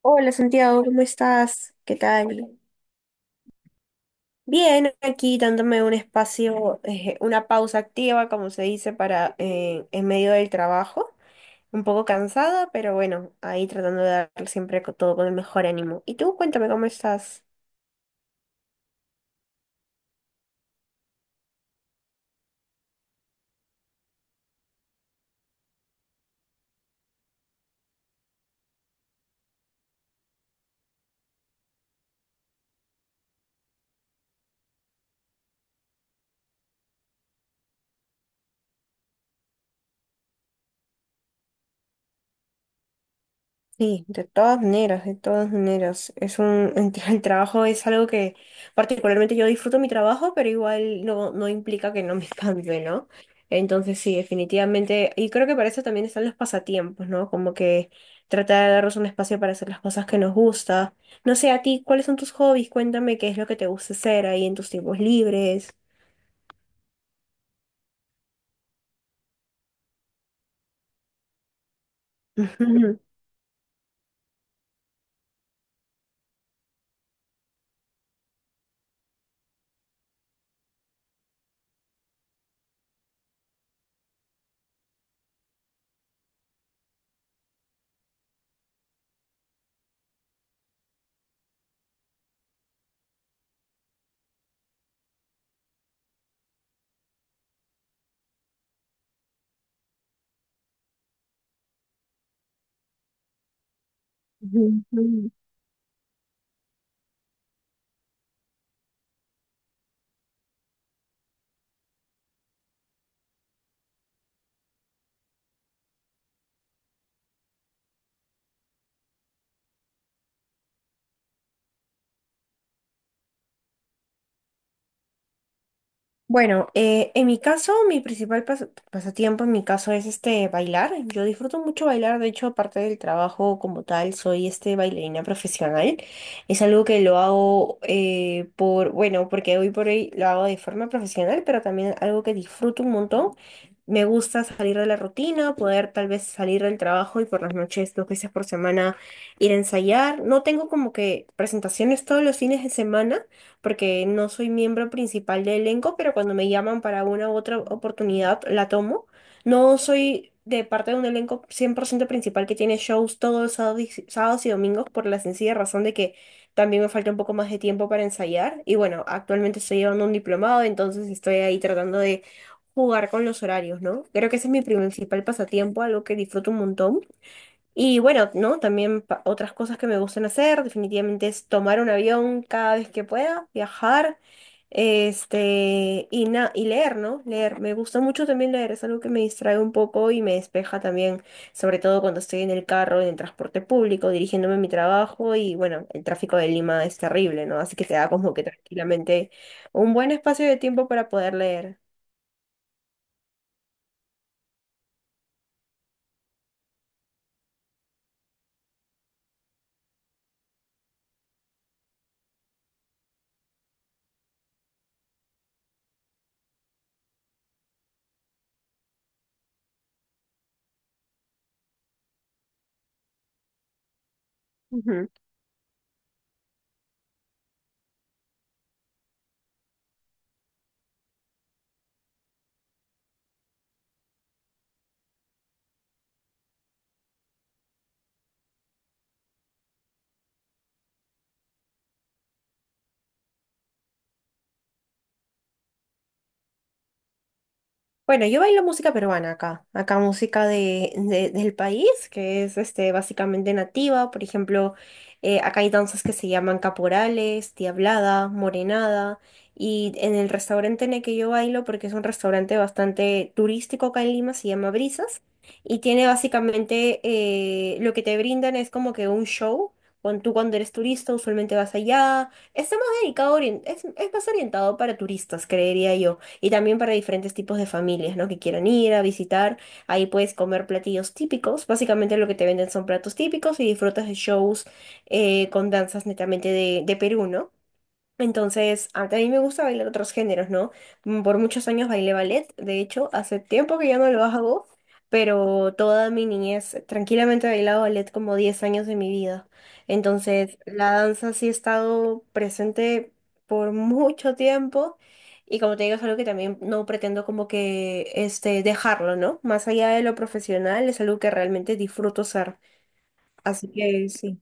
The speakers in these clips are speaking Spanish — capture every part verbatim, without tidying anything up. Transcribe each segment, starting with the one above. Hola Santiago, ¿cómo estás? ¿Qué tal? Bien, aquí dándome un espacio, eh, una pausa activa, como se dice, para eh, en medio del trabajo. Un poco cansada, pero bueno, ahí tratando de dar siempre co- todo con el mejor ánimo. Y tú, cuéntame cómo estás. Sí, de todas maneras, de todas maneras. Es un, el tra- el trabajo es algo que particularmente yo disfruto mi trabajo, pero igual no, no implica que no me canse, ¿no? Entonces sí, definitivamente. Y creo que para eso también están los pasatiempos, ¿no? Como que tratar de darnos un espacio para hacer las cosas que nos gusta. No sé, a ti, ¿cuáles son tus hobbies? Cuéntame qué es lo que te gusta hacer ahí en tus tiempos libres. Ujú, ujú. Bueno, eh, en mi caso, mi principal pas- pasatiempo en mi caso es este bailar. Yo disfruto mucho bailar, de hecho, aparte del trabajo como tal, soy este bailarina profesional. Es algo que lo hago eh, por, bueno, porque hoy por hoy lo hago de forma profesional, pero también algo que disfruto un montón. Me gusta salir de la rutina, poder tal vez salir del trabajo y por las noches, dos veces por semana, ir a ensayar. No tengo como que presentaciones todos los fines de semana porque no soy miembro principal del elenco, pero cuando me llaman para una u otra oportunidad, la tomo. No soy de parte de un elenco cien por ciento principal que tiene shows todos los sábados y sábados y domingos por la sencilla razón de que también me falta un poco más de tiempo para ensayar. Y bueno, actualmente estoy llevando un diplomado, entonces estoy ahí tratando de jugar con los horarios, ¿no? Creo que ese es mi principal pasatiempo, algo que disfruto un montón. Y bueno, ¿no? También pa- otras cosas que me gustan hacer, definitivamente es tomar un avión cada vez que pueda, viajar, este, y, na- y leer, ¿no? Leer. Me gusta mucho también leer, es algo que me distrae un poco y me despeja también, sobre todo cuando estoy en el carro, en el transporte público, dirigiéndome a mi trabajo y bueno, el tráfico de Lima es terrible, ¿no? Así que te da como que tranquilamente un buen espacio de tiempo para poder leer. Bueno, yo bailo música peruana acá, acá música de, de- del país, que es este, básicamente nativa, por ejemplo, eh, acá hay danzas que se llaman caporales, diablada, morenada, y en el restaurante en el que yo bailo, porque es un restaurante bastante turístico acá en Lima, se llama Brisas, y tiene básicamente, eh, lo que te brindan es como que un show, cuando tú cuando eres turista usualmente vas allá, está más dedicado, orien- es, es más orientado para turistas, creería yo, y también para diferentes tipos de familias, ¿no? Que quieran ir a visitar. Ahí puedes comer platillos típicos. Básicamente lo que te venden son platos típicos y disfrutas de shows eh, con danzas netamente de, de Perú, ¿no? Entonces, a también me gusta bailar otros géneros, ¿no? Mm, Por muchos años bailé ballet, de hecho, hace tiempo que ya no lo hago, pero toda mi niñez tranquilamente he bailado ballet como diez años de mi vida. Entonces, la danza sí ha estado presente por mucho tiempo y como te digo, es algo que también no pretendo como que este, dejarlo, ¿no? Más allá de lo profesional, es algo que realmente disfruto ser. Así que sí.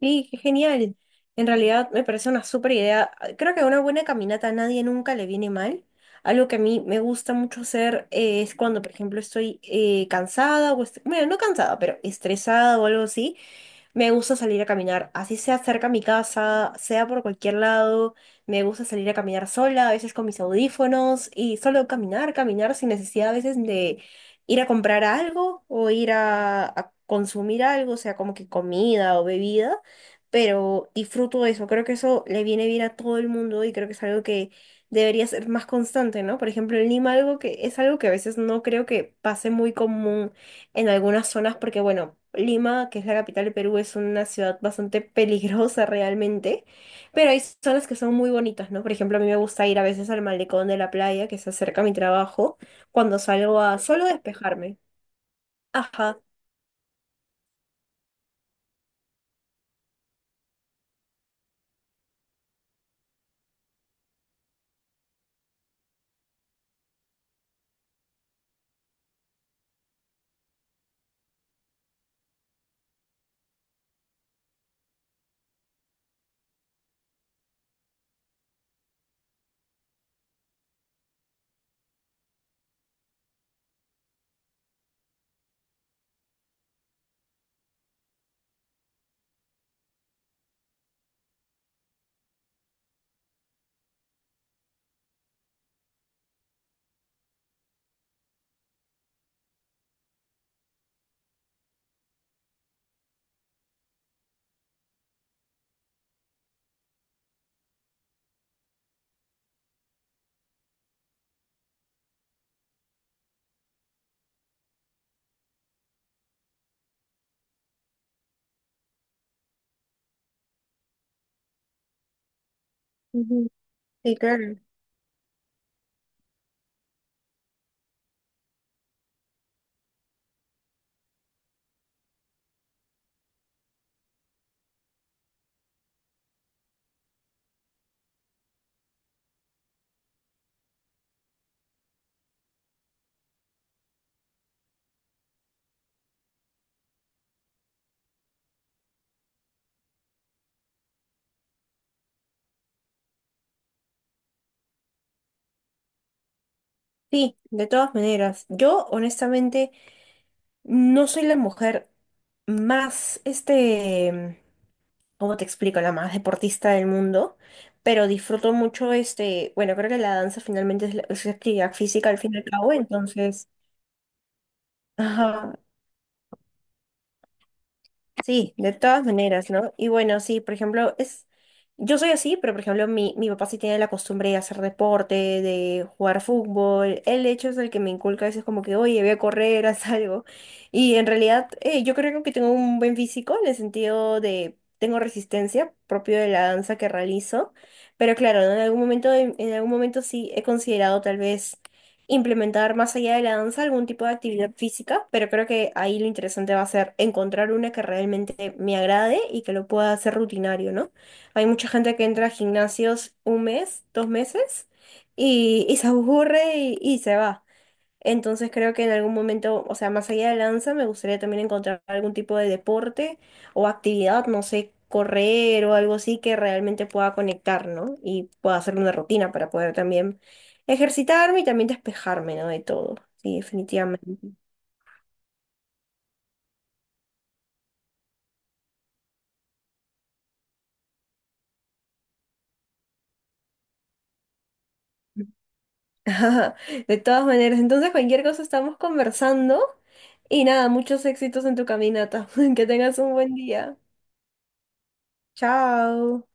Sí, qué genial. En realidad me parece una súper idea. Creo que una buena caminata a nadie nunca le viene mal. Algo que a mí me gusta mucho hacer eh, es cuando, por ejemplo, estoy eh, cansada o, est- bueno, no cansada, pero estresada o algo así. Me gusta salir a caminar, así sea cerca a mi casa, sea por cualquier lado. Me gusta salir a caminar sola, a veces con mis audífonos y solo caminar, caminar sin necesidad a veces de ir a comprar algo o ir a, a consumir algo, sea como que comida o bebida. Pero disfruto eso, creo que eso le viene bien a todo el mundo y creo que es algo que debería ser más constante, ¿no? Por ejemplo, en Lima algo que es algo que a veces no creo que pase muy común en algunas zonas, porque bueno, Lima, que es la capital de Perú, es una ciudad bastante peligrosa realmente, pero hay zonas que son muy bonitas, ¿no? Por ejemplo, a mí me gusta ir a veces al malecón de la playa, que se acerca a mi trabajo, cuando salgo a solo despejarme. Ajá. Ujú. Sí, claro. Sí, de todas maneras, yo honestamente no soy la mujer más, este, ¿cómo te explico? La más deportista del mundo, pero disfruto mucho este, bueno, creo que la danza finalmente es, la- es actividad física al fin y al cabo, entonces, ajá. Sí, de todas maneras, ¿no? Y bueno, sí, por ejemplo, es, yo soy así, pero por ejemplo, mi, mi papá sí tiene la costumbre de hacer deporte, de jugar fútbol. Él, de hecho, es el que me inculca a veces como que, oye, voy a correr, haz algo. Y en realidad, eh, yo creo que tengo un buen físico en el sentido de, tengo resistencia propio de la danza que realizo. Pero claro, ¿no? En algún momento, en en algún momento sí he considerado tal vez implementar más allá de la danza algún tipo de actividad física, pero creo que ahí lo interesante va a ser encontrar una que realmente me agrade y que lo pueda hacer rutinario, ¿no? Hay mucha gente que entra a gimnasios un mes, dos meses y, y se aburre y, y se va. Entonces creo que en algún momento, o sea, más allá de danza, me gustaría también encontrar algún tipo de deporte o actividad, no sé, correr o algo así que realmente pueda conectar, ¿no? Y pueda hacer una rutina para poder también ejercitarme y también despejarme, ¿no? De todo. Sí, definitivamente. De todas maneras, entonces cualquier cosa estamos conversando y nada, muchos éxitos en tu caminata. Que tengas un buen día. Chao.